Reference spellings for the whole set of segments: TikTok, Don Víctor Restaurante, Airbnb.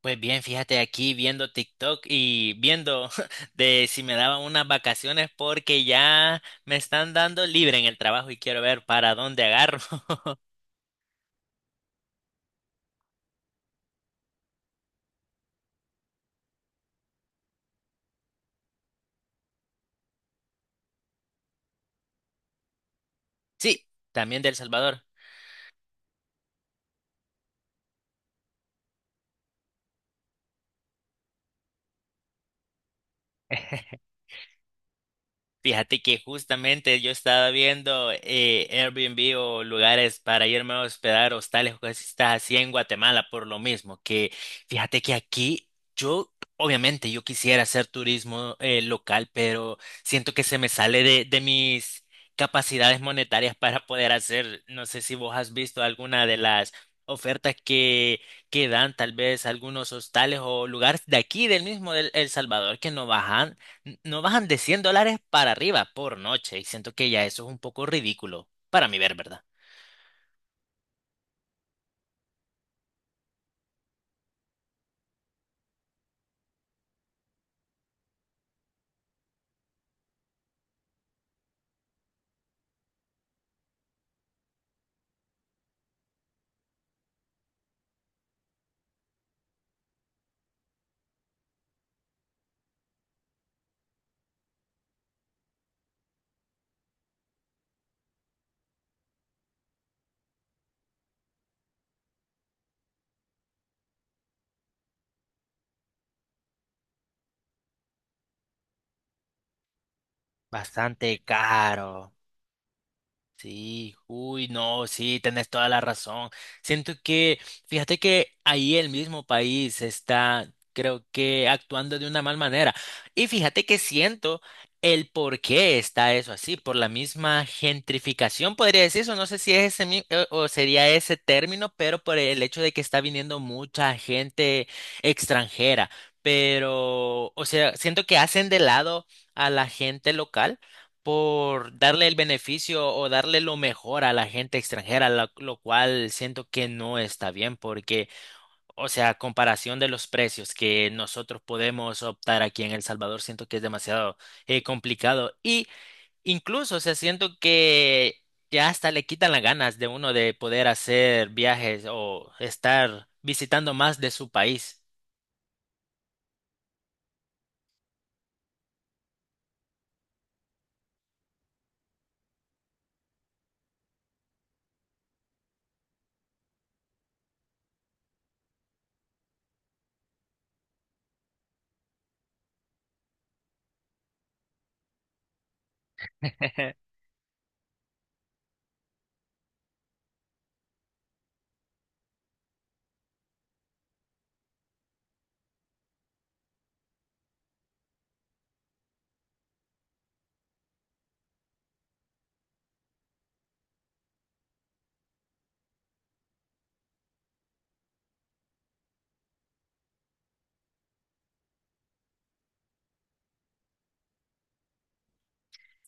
Pues bien, fíjate aquí viendo TikTok y viendo de si me daban unas vacaciones porque ya me están dando libre en el trabajo y quiero ver para dónde agarro. Sí, también de El Salvador. Fíjate que justamente yo estaba viendo Airbnb o lugares para irme a hospedar, hostales o cosas así en Guatemala por lo mismo, que fíjate que aquí yo, obviamente yo quisiera hacer turismo local, pero siento que se me sale de mis capacidades monetarias para poder hacer, no sé si vos has visto alguna de las ofertas que dan tal vez algunos hostales o lugares de aquí, del mismo del El Salvador, que no bajan no bajan de $100 para arriba por noche y siento que ya eso es un poco ridículo para mi ver, ¿verdad? Bastante caro. Sí, uy, no, sí, tenés toda la razón. Siento que, fíjate que ahí el mismo país está, creo que, actuando de una mal manera. Y fíjate que siento el por qué está eso así, por la misma gentrificación, podría decir eso, no sé si es ese o sería ese término, pero por el hecho de que está viniendo mucha gente extranjera. Pero, o sea, siento que hacen de lado a la gente local por darle el beneficio o darle lo mejor a la gente extranjera, lo cual siento que no está bien porque, o sea, a comparación de los precios que nosotros podemos optar aquí en El Salvador, siento que es demasiado complicado y incluso, o sea, siento que ya hasta le quitan las ganas de uno de poder hacer viajes o estar visitando más de su país.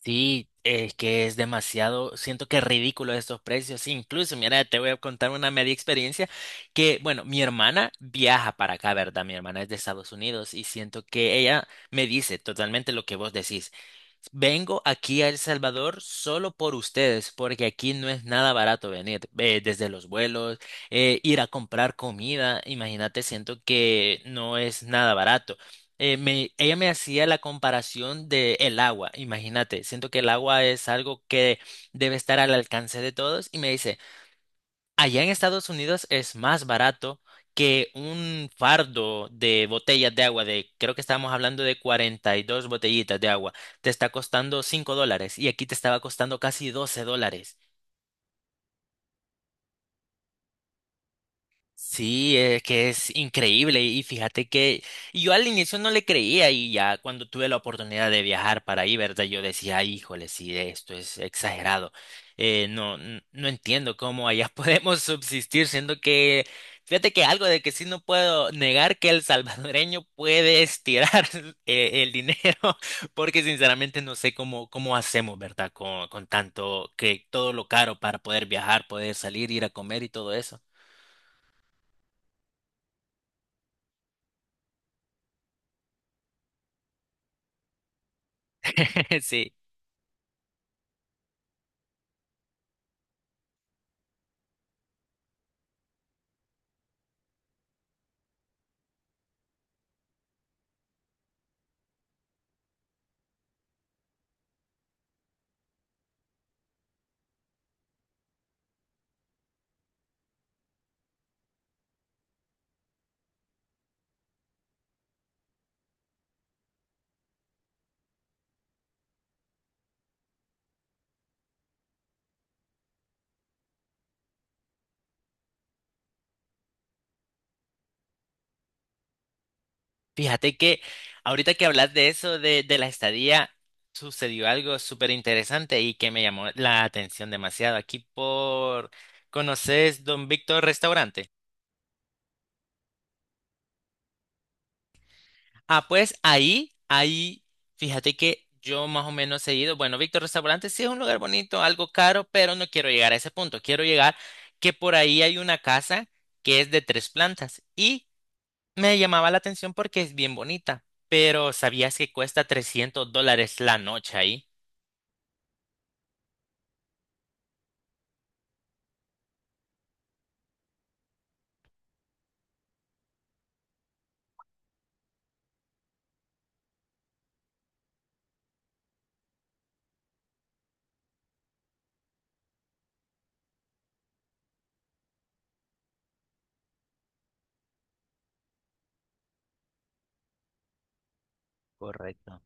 Sí, es que es demasiado, siento que es ridículo estos precios. Incluso, mira, te voy a contar una media experiencia que, bueno, mi hermana viaja para acá, ¿verdad? Mi hermana es de Estados Unidos y siento que ella me dice totalmente lo que vos decís. Vengo aquí a El Salvador solo por ustedes, porque aquí no es nada barato venir, desde los vuelos, ir a comprar comida, imagínate, siento que no es nada barato. Ella me hacía la comparación de el agua, imagínate, siento que el agua es algo que debe estar al alcance de todos y me dice, "Allá en Estados Unidos es más barato que un fardo de botellas de agua, de creo que estábamos hablando de 42 botellitas de agua, te está costando $5 y aquí te estaba costando casi $12". Sí, es que es increíble y fíjate que y yo al inicio no le creía y ya cuando tuve la oportunidad de viajar para ahí, ¿verdad? Yo decía, "Ay, híjole, sí, esto es exagerado. No, no entiendo cómo allá podemos subsistir, siendo que, fíjate que algo de que sí no puedo negar que el salvadoreño puede estirar el dinero, porque sinceramente no sé cómo hacemos, ¿verdad? Con tanto que todo lo caro para poder viajar, poder salir, ir a comer y todo eso. Sí. Fíjate que ahorita que hablas de eso, de la estadía, sucedió algo súper interesante y que me llamó la atención demasiado. ¿Conoces Don Víctor Restaurante? Ah, pues ahí, fíjate que yo más o menos he ido. Bueno, Víctor Restaurante sí es un lugar bonito, algo caro, pero no quiero llegar a ese punto. Quiero llegar que por ahí hay una casa que es de tres plantas y me llamaba la atención porque es bien bonita, pero ¿sabías que cuesta $300 la noche ahí? Correcto.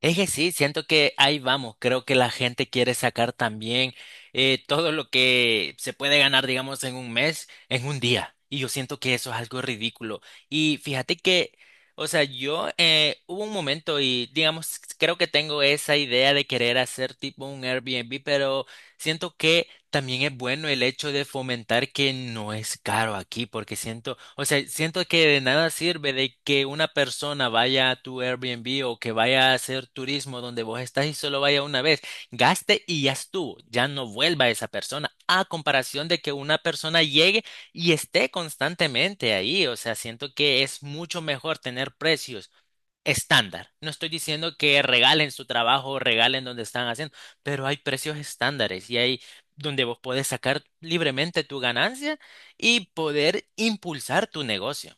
Es que sí, siento que ahí vamos. Creo que la gente quiere sacar también todo lo que se puede ganar, digamos, en un mes, en un día. Y yo siento que eso es algo ridículo. Y fíjate que, o sea, yo hubo un momento y, digamos, creo que tengo esa idea de querer hacer tipo un Airbnb, pero siento que también es bueno el hecho de fomentar que no es caro aquí, porque siento, o sea, siento que de nada sirve de que una persona vaya a tu Airbnb o que vaya a hacer turismo donde vos estás y solo vaya una vez, gaste y ya estuvo, ya no vuelva esa persona, a comparación de que una persona llegue y esté constantemente ahí, o sea, siento que es mucho mejor tener precios estándar. No estoy diciendo que regalen su trabajo, regalen donde están haciendo, pero hay precios estándares y hay donde vos podés sacar libremente tu ganancia y poder impulsar tu negocio.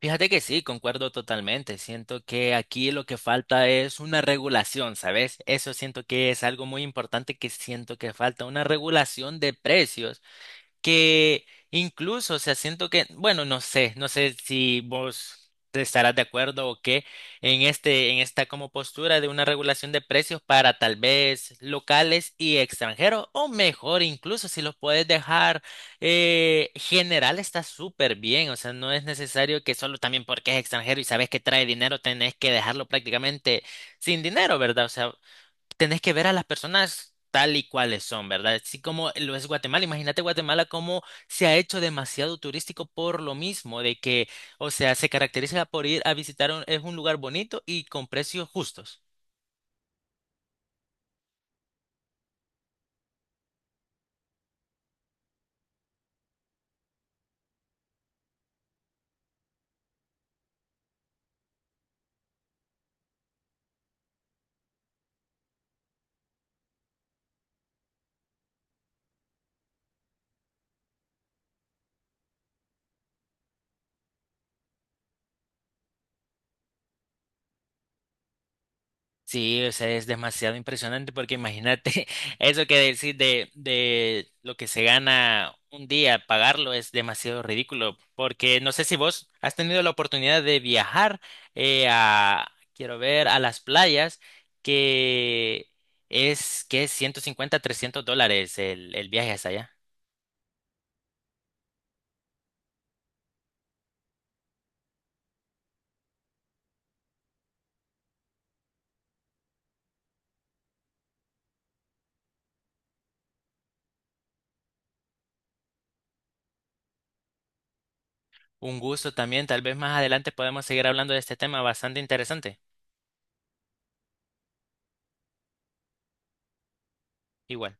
Fíjate que sí, concuerdo totalmente. Siento que aquí lo que falta es una regulación, ¿sabes? Eso siento que es algo muy importante que siento que falta, una regulación de precios que incluso, o sea, siento que, bueno, no sé, si vos te estarás de acuerdo o qué en en esta como postura de una regulación de precios para tal vez locales y extranjeros, o mejor, incluso si los puedes dejar general está súper bien, o sea, no es necesario que solo también porque es extranjero y sabes que trae dinero tenés que dejarlo prácticamente sin dinero, ¿verdad? O sea, tenés que ver a las personas tal y cuales son, ¿verdad? Así como lo es Guatemala. Imagínate Guatemala como se ha hecho demasiado turístico por lo mismo, de que, o sea, se caracteriza por ir a visitar es un lugar bonito y con precios justos. Sí, o sea, es demasiado impresionante porque imagínate eso que decir de, lo que se gana un día, pagarlo es demasiado ridículo porque no sé si vos has tenido la oportunidad de viajar eh, a, quiero ver, a las playas que que es 150 $300 el viaje hasta allá. Un gusto también, tal vez más adelante podemos seguir hablando de este tema bastante interesante. Igual.